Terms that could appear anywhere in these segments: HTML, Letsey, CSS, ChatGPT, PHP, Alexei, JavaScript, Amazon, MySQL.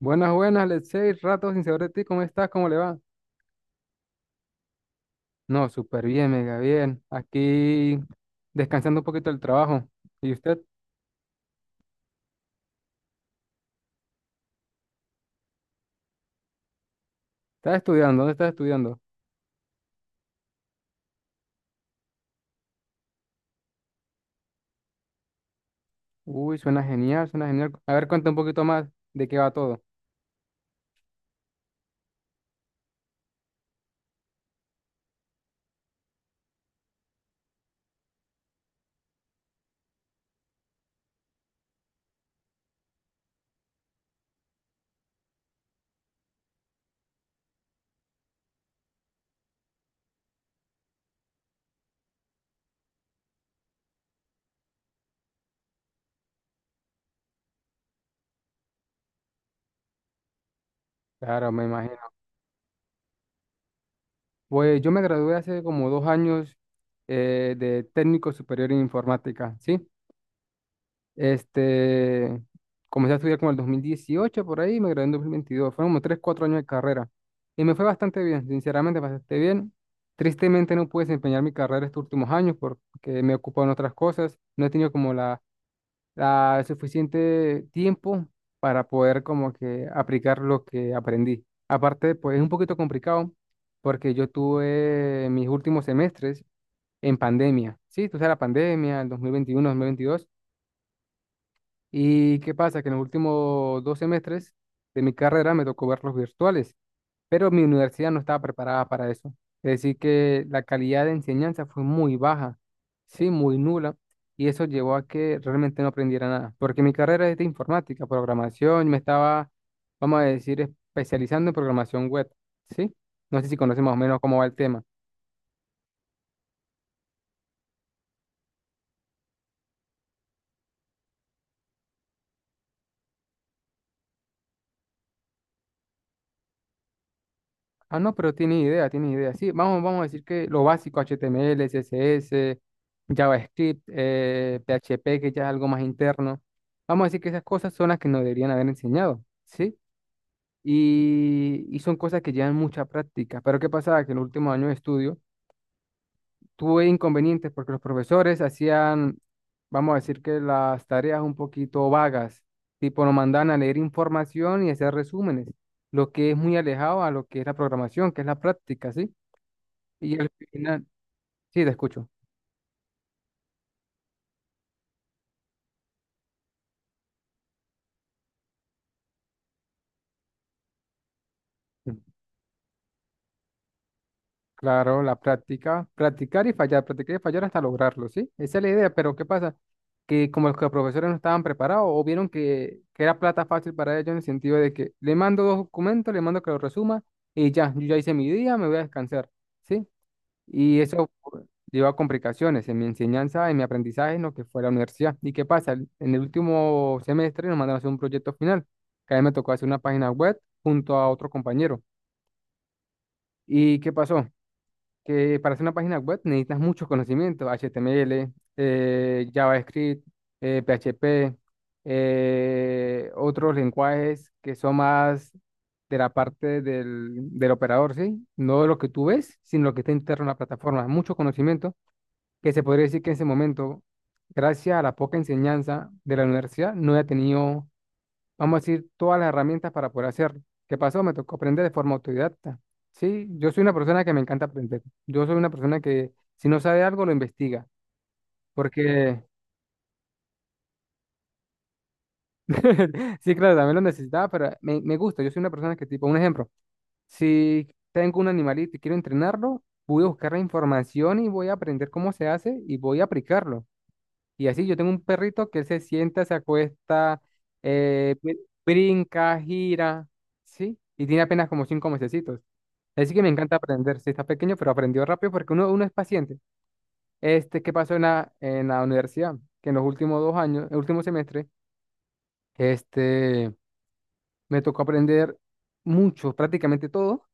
Buenas, buenas, Letsey, rato sin saber de ti, ¿cómo estás? ¿Cómo le va? No, súper bien, mega bien. Aquí descansando un poquito del trabajo. ¿Y usted? ¿Está estudiando? ¿Dónde está estudiando? Uy, suena genial, suena genial. A ver, cuenta un poquito más de qué va todo. Claro, me imagino. Pues yo me gradué hace como 2 años de técnico superior en informática, ¿sí? Este, comencé a estudiar como el 2018 por ahí y me gradué en 2022. Fueron como 3 4 años de carrera. Y me fue bastante bien, sinceramente bastante bien. Tristemente no pude desempeñar mi carrera estos últimos años porque me he ocupado en otras cosas. No he tenido como la suficiente tiempo para poder como que aplicar lo que aprendí. Aparte, pues es un poquito complicado porque yo tuve mis últimos semestres en pandemia. Sí, tú sabes, la pandemia, el dos mil veintiuno 2022. ¿Y qué pasa? Que en los últimos dos semestres de mi carrera me tocó ver los virtuales, pero mi universidad no estaba preparada para eso. Es decir, que la calidad de enseñanza fue muy baja, sí, muy nula, y eso llevó a que realmente no aprendiera nada, porque mi carrera es de informática, programación, me estaba, vamos a decir, especializando en programación web, ¿sí? No sé si conoces más o menos cómo va el tema. Ah, no, pero tiene idea, tiene idea. Sí, vamos a decir que lo básico, HTML, CSS, JavaScript, PHP, que ya es algo más interno. Vamos a decir que esas cosas son las que nos deberían haber enseñado, ¿sí? Y son cosas que llevan mucha práctica. Pero ¿qué pasaba? Que en los últimos años de estudio tuve inconvenientes porque los profesores hacían, vamos a decir, que las tareas un poquito vagas, tipo nos mandaban a leer información y hacer resúmenes, lo que es muy alejado a lo que es la programación, que es la práctica, ¿sí? Y al final, sí, te escucho. Sí. Claro, la práctica, practicar y fallar hasta lograrlo, ¿sí? Esa es la idea, pero ¿qué pasa? Que como los profesores no estaban preparados o vieron que, era plata fácil para ellos en el sentido de que le mando dos documentos, le mando que lo resuma y ya, yo ya hice mi día, me voy a descansar, ¿sí? Y eso pues, llevó a complicaciones en mi enseñanza, en mi aprendizaje, en lo que fue la universidad. ¿Y qué pasa? En el último semestre nos mandaron a hacer un proyecto final, que a mí me tocó hacer una página web junto a otro compañero. ¿Y qué pasó? Que para hacer una página web necesitas muchos conocimientos, HTML, JavaScript, PHP, otros lenguajes que son más de la parte del operador, ¿sí? No lo que tú ves, sino lo que está interno en la plataforma. Mucho conocimiento que se podría decir que en ese momento, gracias a la poca enseñanza de la universidad, no he tenido, vamos a decir, todas las herramientas para poder hacerlo. ¿Qué pasó? Me tocó aprender de forma autodidacta. Sí, yo soy una persona que me encanta aprender. Yo soy una persona que si no sabe algo, lo investiga. Porque, sí, claro, también lo necesitaba, pero me gusta. Yo soy una persona que, tipo, un ejemplo, si tengo un animalito y quiero entrenarlo, voy a buscar la información y voy a aprender cómo se hace y voy a aplicarlo. Y así yo tengo un perrito que él se sienta, se acuesta, eh, br- brinca, gira, ¿sí? Y tiene apenas como 5 meses. Así que me encanta aprender. Si está pequeño, pero aprendió rápido porque uno es paciente. Este, ¿qué pasó en la universidad? Que en los últimos dos años, el último semestre, este, me tocó aprender mucho, prácticamente todo,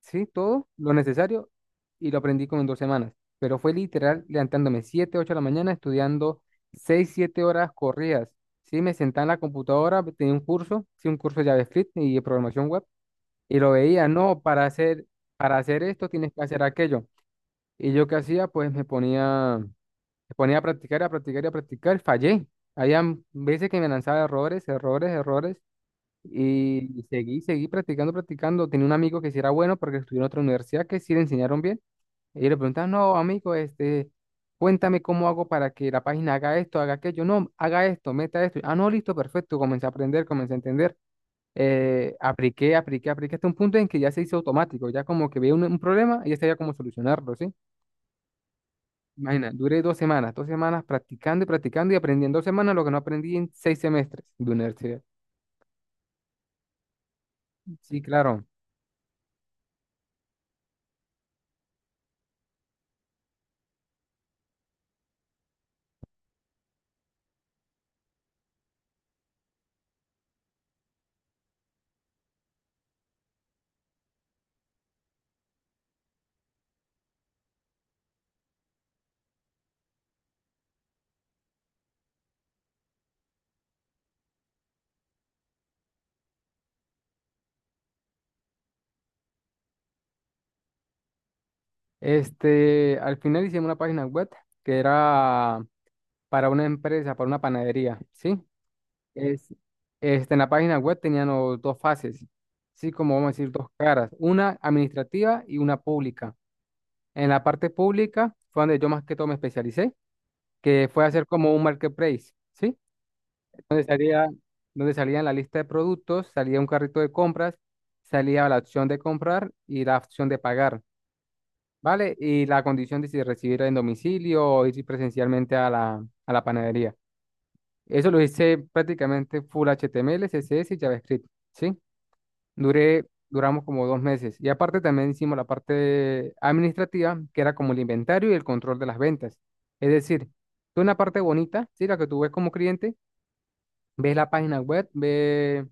sí, todo lo necesario y lo aprendí como en 2 semanas. Pero fue literal levantándome 7 8 de la mañana, estudiando 6 7 horas corridas. Sí, me sentaba en la computadora, tenía un curso, sí, un curso de JavaScript y de programación web, y lo veía, no, para hacer esto tienes que hacer aquello. Y yo qué hacía, pues me ponía a practicar y a practicar. Fallé. Habían veces que me lanzaba errores, errores, errores. Y seguí, seguí practicando, practicando. Tenía un amigo que sí era bueno porque estudió en otra universidad que sí le enseñaron bien. Y yo le preguntaba, no, amigo, este, cuéntame cómo hago para que la página haga esto, haga aquello. No, haga esto, meta esto. Ah, no, listo, perfecto. Comencé a aprender, comencé a entender. Apliqué, apliqué, apliqué hasta un punto en que ya se hizo automático. Ya como que veía un problema y ya sabía cómo solucionarlo, ¿sí? Imagina, duré 2 semanas, 2 semanas practicando y practicando y aprendiendo 2 semanas lo que no aprendí en seis semestres de universidad. Sí, claro. Este, al final hicimos una página web que era para una empresa, para una panadería, ¿sí? Es, este, en la página web tenían los dos fases, sí, como vamos a decir, dos caras, una administrativa y una pública. En la parte pública fue donde yo más que todo me especialicé, que fue hacer como un marketplace, ¿sí? Salía, donde salía en la lista de productos, salía un carrito de compras, salía la opción de comprar y la opción de pagar, ¿vale? Y la condición de si recibir en domicilio o ir presencialmente a la panadería. Eso lo hice prácticamente full HTML, CSS y JavaScript, ¿sí? Duré, duramos como 2 meses. Y aparte también hicimos la parte administrativa, que era como el inventario y el control de las ventas. Es decir, tú una parte bonita, ¿sí? La que tú ves como cliente, ves la página web, ves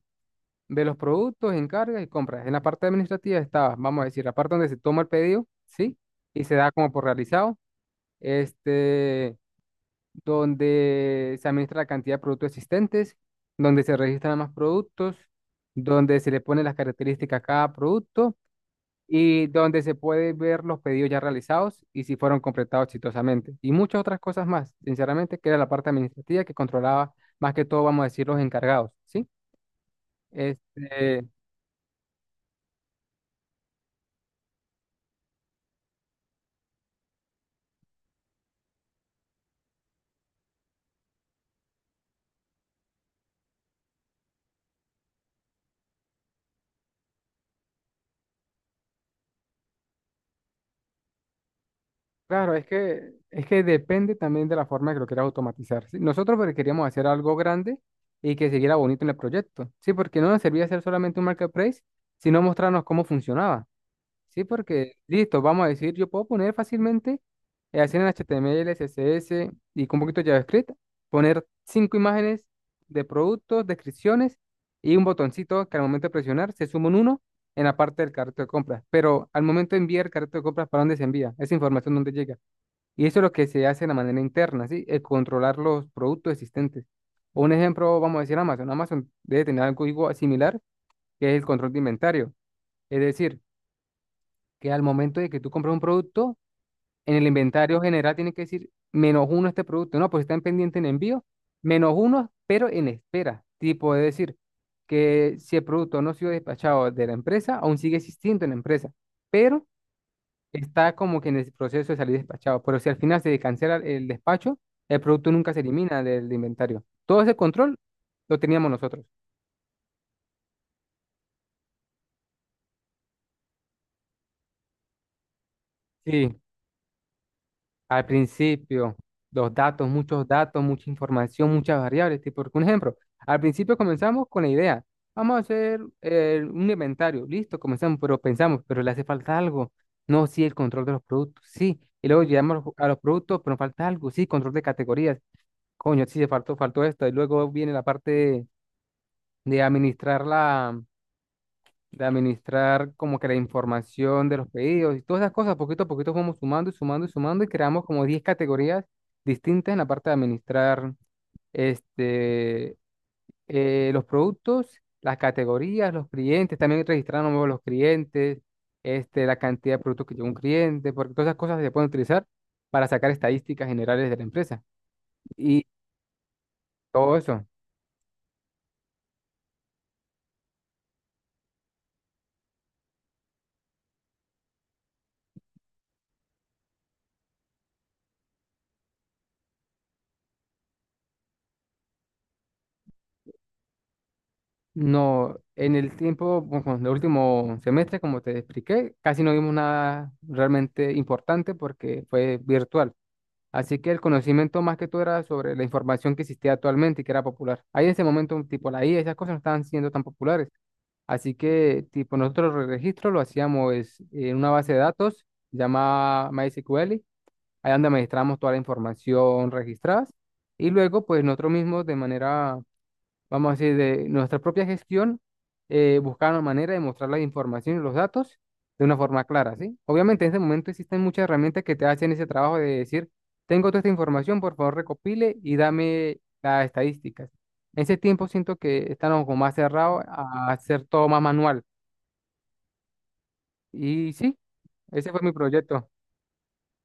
de los productos, encargas y compras. En la parte administrativa estaba, vamos a decir, la parte donde se toma el pedido, ¿sí? Y se da como por realizado, este, donde se administra la cantidad de productos existentes, donde se registran más productos, donde se le ponen las características a cada producto y donde se puede ver los pedidos ya realizados y si fueron completados exitosamente. Y muchas otras cosas más, sinceramente, que era la parte administrativa que controlaba más que todo, vamos a decir, los encargados, ¿sí? Este, claro, es que depende también de la forma que lo quieras automatizar. ¿Sí? Nosotros porque queríamos hacer algo grande y que siguiera bonito en el proyecto, ¿sí? Porque no nos servía hacer solamente un marketplace, sino mostrarnos cómo funcionaba, ¿sí? Porque, listo, vamos a decir, yo puedo poner fácilmente, hacer en HTML, CSS y con un poquito de JavaScript, poner cinco imágenes de productos, descripciones y un botoncito que al momento de presionar se suma un uno en la parte del carrito de compras. Pero al momento de enviar el carrito de compras, ¿para dónde se envía? Esa información, ¿dónde llega? Y eso es lo que se hace de la manera interna, ¿sí? El controlar los productos existentes. Un ejemplo, vamos a decir Amazon. Amazon debe tener algo igual, similar, que es el control de inventario. Es decir, que al momento de que tú compras un producto, en el inventario general tiene que decir menos uno este producto. No, pues está en pendiente en envío, menos uno, pero en espera. Tipo, es decir, que si el producto no ha sido despachado de la empresa, aún sigue existiendo en la empresa, pero está como que en el proceso de salir despachado, pero si al final se cancela el despacho, el producto nunca se elimina del inventario. Todo ese control lo teníamos nosotros. Sí, al principio, los datos, muchos datos, mucha información, muchas variables. Tipo, por ejemplo, al principio comenzamos con la idea, vamos a hacer un inventario, listo, comenzamos, pero pensamos, pero le hace falta algo. No, sí, el control de los productos, sí. Y luego llegamos a los productos, pero falta algo, sí, control de categorías. Coño, sí, se faltó, faltó esto. Y luego viene la parte de administrar la, de administrar como que la información de los pedidos y todas esas cosas, poquito a poquito fuimos sumando y sumando y sumando y creamos como 10 categorías distintas en la parte de administrar este, los productos, las categorías, los clientes, también registramos los clientes, este, la cantidad de productos que lleva un cliente, porque todas esas cosas se pueden utilizar para sacar estadísticas generales de la empresa y todo eso. No, en el tiempo, bueno, en el último semestre, como te expliqué, casi no vimos nada realmente importante porque fue virtual. Así que el conocimiento más que todo era sobre la información que existía actualmente y que era popular. Ahí en ese momento, tipo la IA, esas cosas no estaban siendo tan populares. Así que, tipo, nosotros el registro lo hacíamos es en una base de datos llamada MySQL, ahí donde administramos toda la información registrada. Y luego, pues nosotros mismos de manera, vamos a decir, de nuestra propia gestión, buscar una manera de mostrar la información y los datos de una forma clara, ¿sí? Obviamente en ese momento existen muchas herramientas que te hacen ese trabajo de decir, tengo toda esta información, por favor recopile y dame las estadísticas. En ese tiempo siento que estamos como más cerrados a hacer todo más manual. Y sí, ese fue mi proyecto.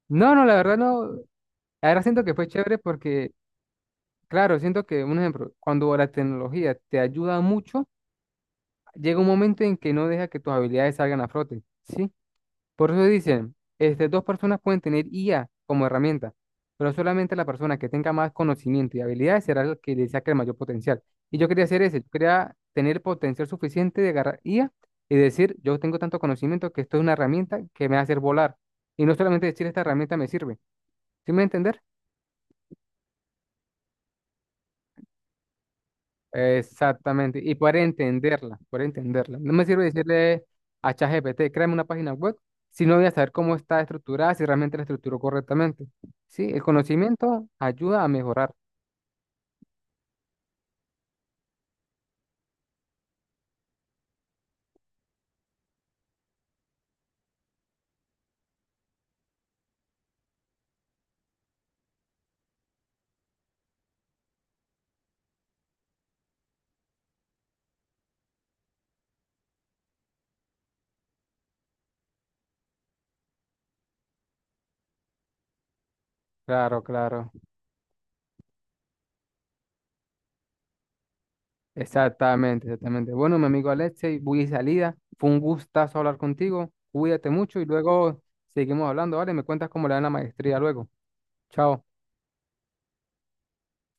No, no, la verdad no. La verdad siento que fue chévere porque, claro, siento que, un ejemplo, cuando la tecnología te ayuda mucho, llega un momento en que no deja que tus habilidades salgan a flote, ¿sí? Por eso dicen, este, dos personas pueden tener IA como herramienta, pero solamente la persona que tenga más conocimiento y habilidades será la que le saque el mayor potencial. Y yo quería hacer ese, yo quería tener potencial suficiente de agarrar IA y decir, yo tengo tanto conocimiento que esto es una herramienta que me va a hacer volar. Y no solamente decir, esta herramienta me sirve, ¿sí me va a entender? Exactamente, y poder entenderla, poder entenderla. No me sirve decirle a ChatGPT, créame una página web, si no voy a saber cómo está estructurada, si realmente la estructuró correctamente. Sí, el conocimiento ayuda a mejorar. Claro, claro. Exactamente, exactamente. Bueno, mi amigo Alexei, voy de salida. Fue un gustazo hablar contigo. Cuídate mucho y luego seguimos hablando, ¿vale? Me cuentas cómo le dan la maestría luego. Chao.